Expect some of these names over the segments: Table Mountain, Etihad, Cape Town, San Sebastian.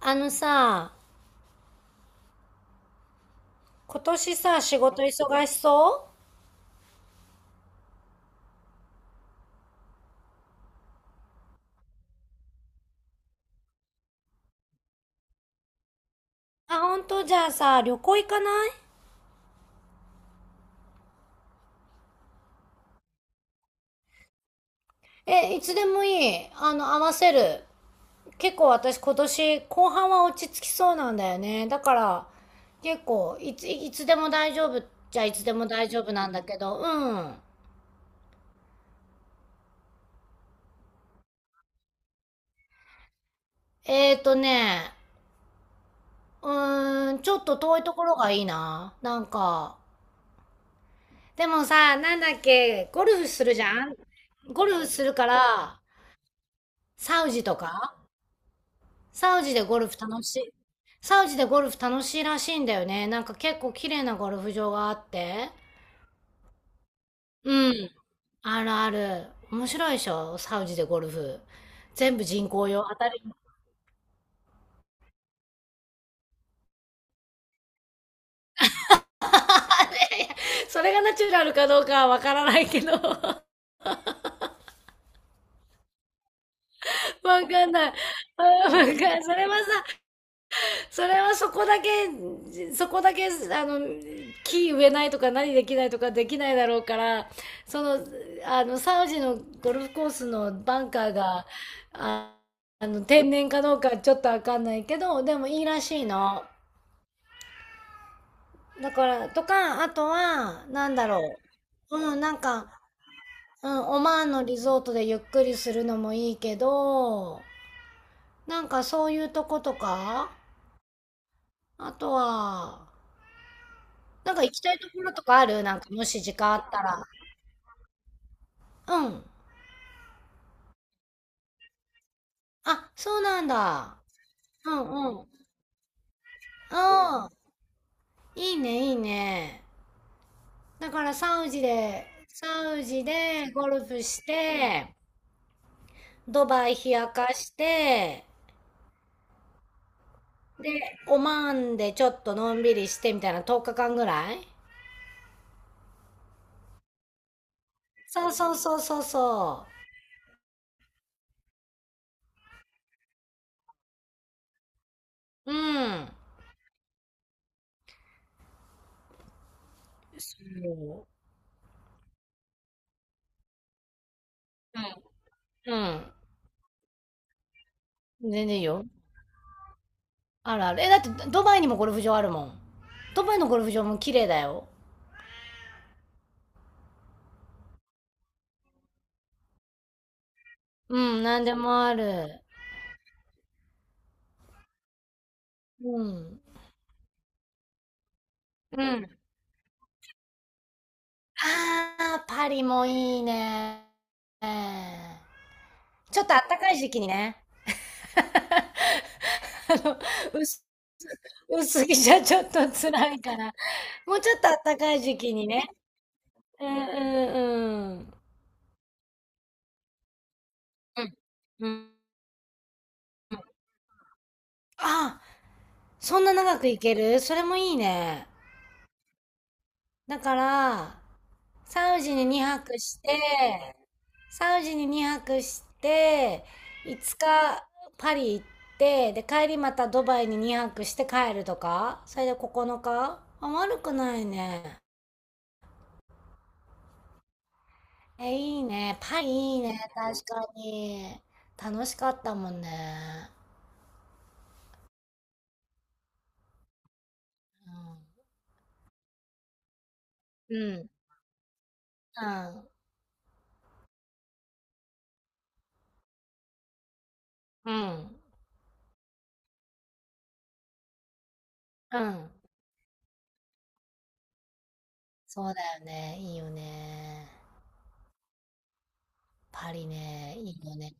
あのさ、今年さ、仕事忙しそう？あ、本当？じゃあさ、旅行行かない？え、いつでもいい。あの、合わせる。結構私今年後半は落ち着きそうなんだよね。だから、結構、いつでも大丈夫。じゃあいつでも大丈夫なんだけど、うん。えーとね、うーん、ちょっと遠いところがいいな。なんか。でもさ、なんだっけ、ゴルフするじゃん？ゴルフするから、サウジとか。サウジでゴルフ楽しい？サウジでゴルフ楽しいらしいんだよね。なんか結構綺麗なゴルフ場があって。うん。あるある。面白いでしょサウジでゴルフ。全部人工用。当たり前。それがナチュラルかどうかはわからないけど。わかんない。うん、わかん、それはさ、それはそこだけ、あの、木植えないとか何できないとかできないだろうから、その、あの、サウジのゴルフコースのバンカーが、あ、あの、天然かどうかちょっとわかんないけど、でもいいらしいの。だから、とか、あとは、なんだろう。うん、なんか、うん、オマーンのリゾートでゆっくりするのもいいけど、なんかそういうとことか、あとは、なんか行きたいところとかある？なんかもし時間あったら。うん。あ、そうなんだ。うんうん。ああ、いいね、いいね。だからサウジでゴルフして、ドバイ冷やかして、で、オマーンでちょっとのんびりしてみたいな、10日間ぐらい。そうそうそうそうそう。うん。そう。うん。うん。全然いいよ。あるある。え、だってドバイにもゴルフ場あるもん。ドバイのゴルフ場も綺麗だよ。うん、なんでもある。うん。うん。ああ、パリもいいね。ちょっとあったかい時期にね。あの、薄、薄着じゃちょっと辛いから。もうちょっとあったかい時期にね。うんうんうん。うん。うん。あ、そんな長く行ける？それもいいね。だから、サウジに2泊して、サウジに2泊して、5日パリ行って、で、帰りまたドバイに2泊して帰るとか、それで9日、あ、悪くないね。え、いいね。パリいいね。確かに。楽しかったもんね。うん。うん。うん。うん。うん、そうだよね。いいよね。パリね。いいよね。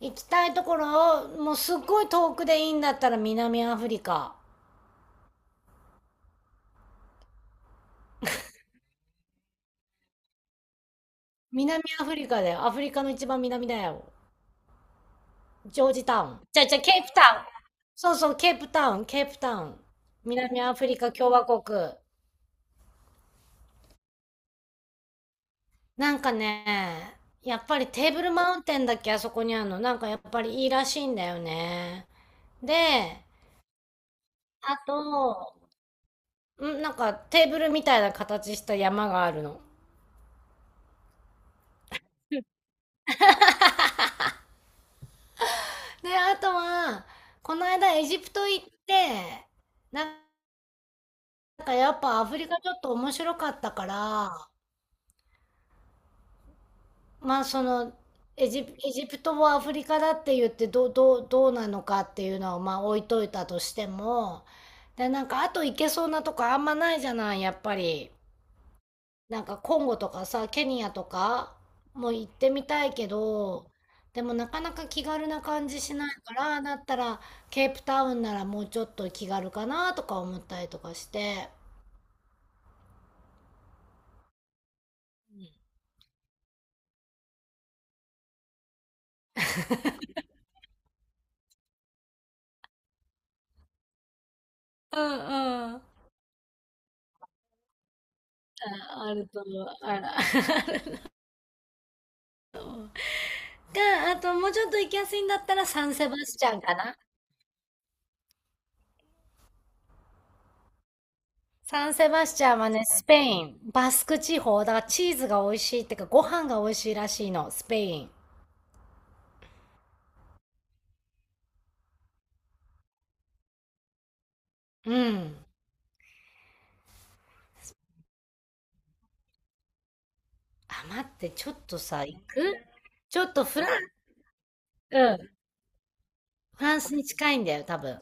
行きたいところを、もうすっごい遠くでいいんだったら南アフリカ。南アフリカだよ。アフリカの一番南だよ。ジョージタウン。じゃあ、ケープタウン。そうそう、ケープタウン、ケープタウン。南アフリカ共和国。なんかね、やっぱりテーブルマウンテンだっけ、あそこにあるの。なんかやっぱりいいらしいんだよね。で、あと、ん、なんかテーブルみたいな形した山があるの。で、あとは、この間エジプト行って、なんかやっぱアフリカちょっと面白かったから、まあそのエジプトをアフリカだって言ってどうなのかっていうのはまあ置いといたとしても、で、なんかあと行けそうなとこあんまないじゃない、やっぱり。なんかコンゴとかさ、ケニアとかも行ってみたいけど、でもなかなか気軽な感じしないから、だったらケープタウンならもうちょっと気軽かなとか思ったりとかして。うんうん。ああると思う。あら。が、あともうちょっと行きやすいんだったらサンセバスチャンかな。サンセバスチャンはね、スペイン、バスク地方、だからチーズが美味しいってか、ご飯が美味しいらしいの、スペイン。うん。あ、待って、ちょっとさ、行く？ちょっとフラン、うん。フランスに近いんだよ、多分。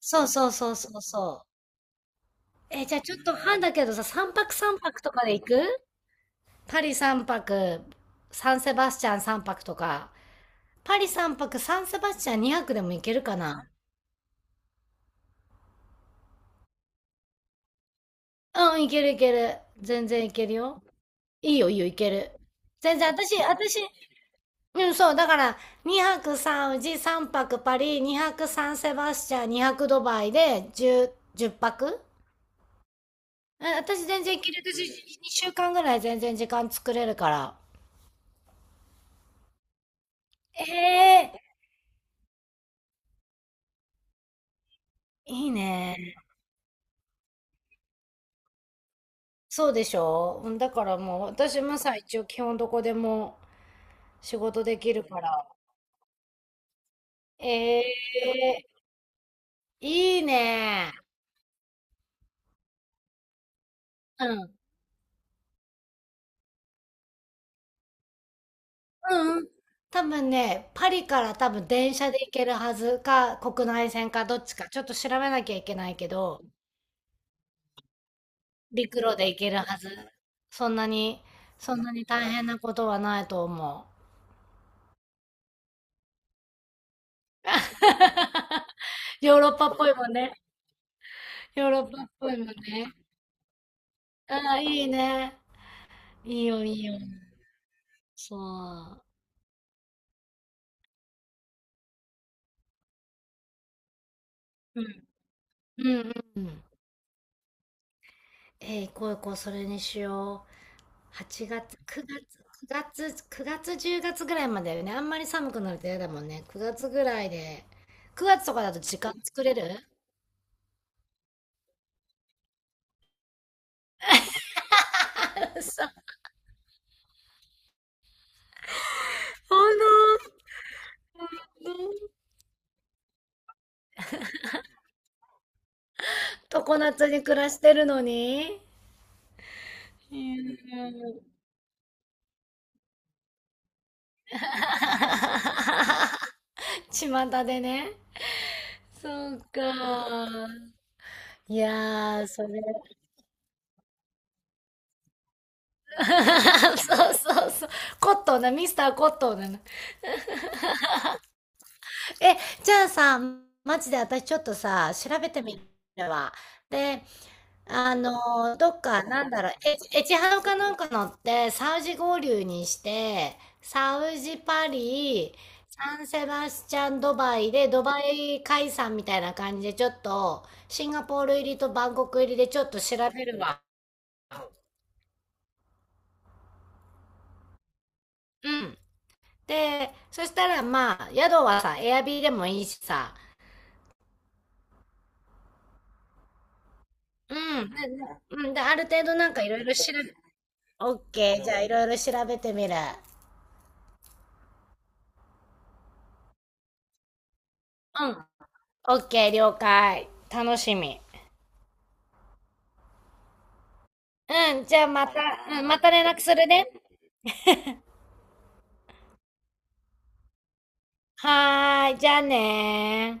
そうそうそうそうそう。え、じゃあちょっと半だけどさ、3泊とかで行く？パリ3泊、サンセバスチャン3泊とか。パリ3泊、サンセバスチャン2泊でも行けるかな？うん、いけるいける。全然いけるよ。いいよいいよ、いける。全然、私、うん、そう、だから、2泊3宇治、3泊パリ、2泊3セバスチャン、2泊ドバイで10泊。うん、私全然いける。私、2週間ぐらい全然時間作れるから。ええ、いいね。そうでしょう？うん、だからもう、私もさ、一応基本どこでも仕事できるから。ええ、いいね。うんうん。多分ね、パリから多分電車で行けるはずか、国内線かどっちか、ちょっと調べなきゃいけないけど、陸路で行けるはず。そんなに、そんなに大変なことはないと思う。ヨーロッパっぽいもんね。ヨーロッパっぽいもんね。ああ、いいね。いいよ、いいよ。そう。うん。うん、うん。うん、行こう行こう、それにしよ？8月、9月、10月ぐらいまでだよね。あんまり寒くなると嫌だもんね。9月ぐらいで。9月とかだと時間作れる？ さ、ほんと常夏に暮らしてるのに。うん。巷でね。そうか。いやー、それ。そうそうそう。コットンな、ミスターコットンなの。え、じゃあさ、マジで私ちょっとさ、調べてみるわ。で、あの、どっか、なんだろう、エチハウかなんか乗って、サウジ合流にして、サウジパリ、サンセバスチャンドバイで、ドバイ解散みたいな感じで、ちょっと、シンガポール入りとバンコク入りでちょっと調べるわ。うん。で、そしたらまあ、宿はさ、エアビーでもいいしさ、うん。で、で、うんで、ある程度なんかいろいろ調べ、オッケー、じゃあいろいろ調べてみる。うん。オッケー、了解。楽しみ。うん、じゃあまた、うん、また連絡するね。はーい、じゃあねー。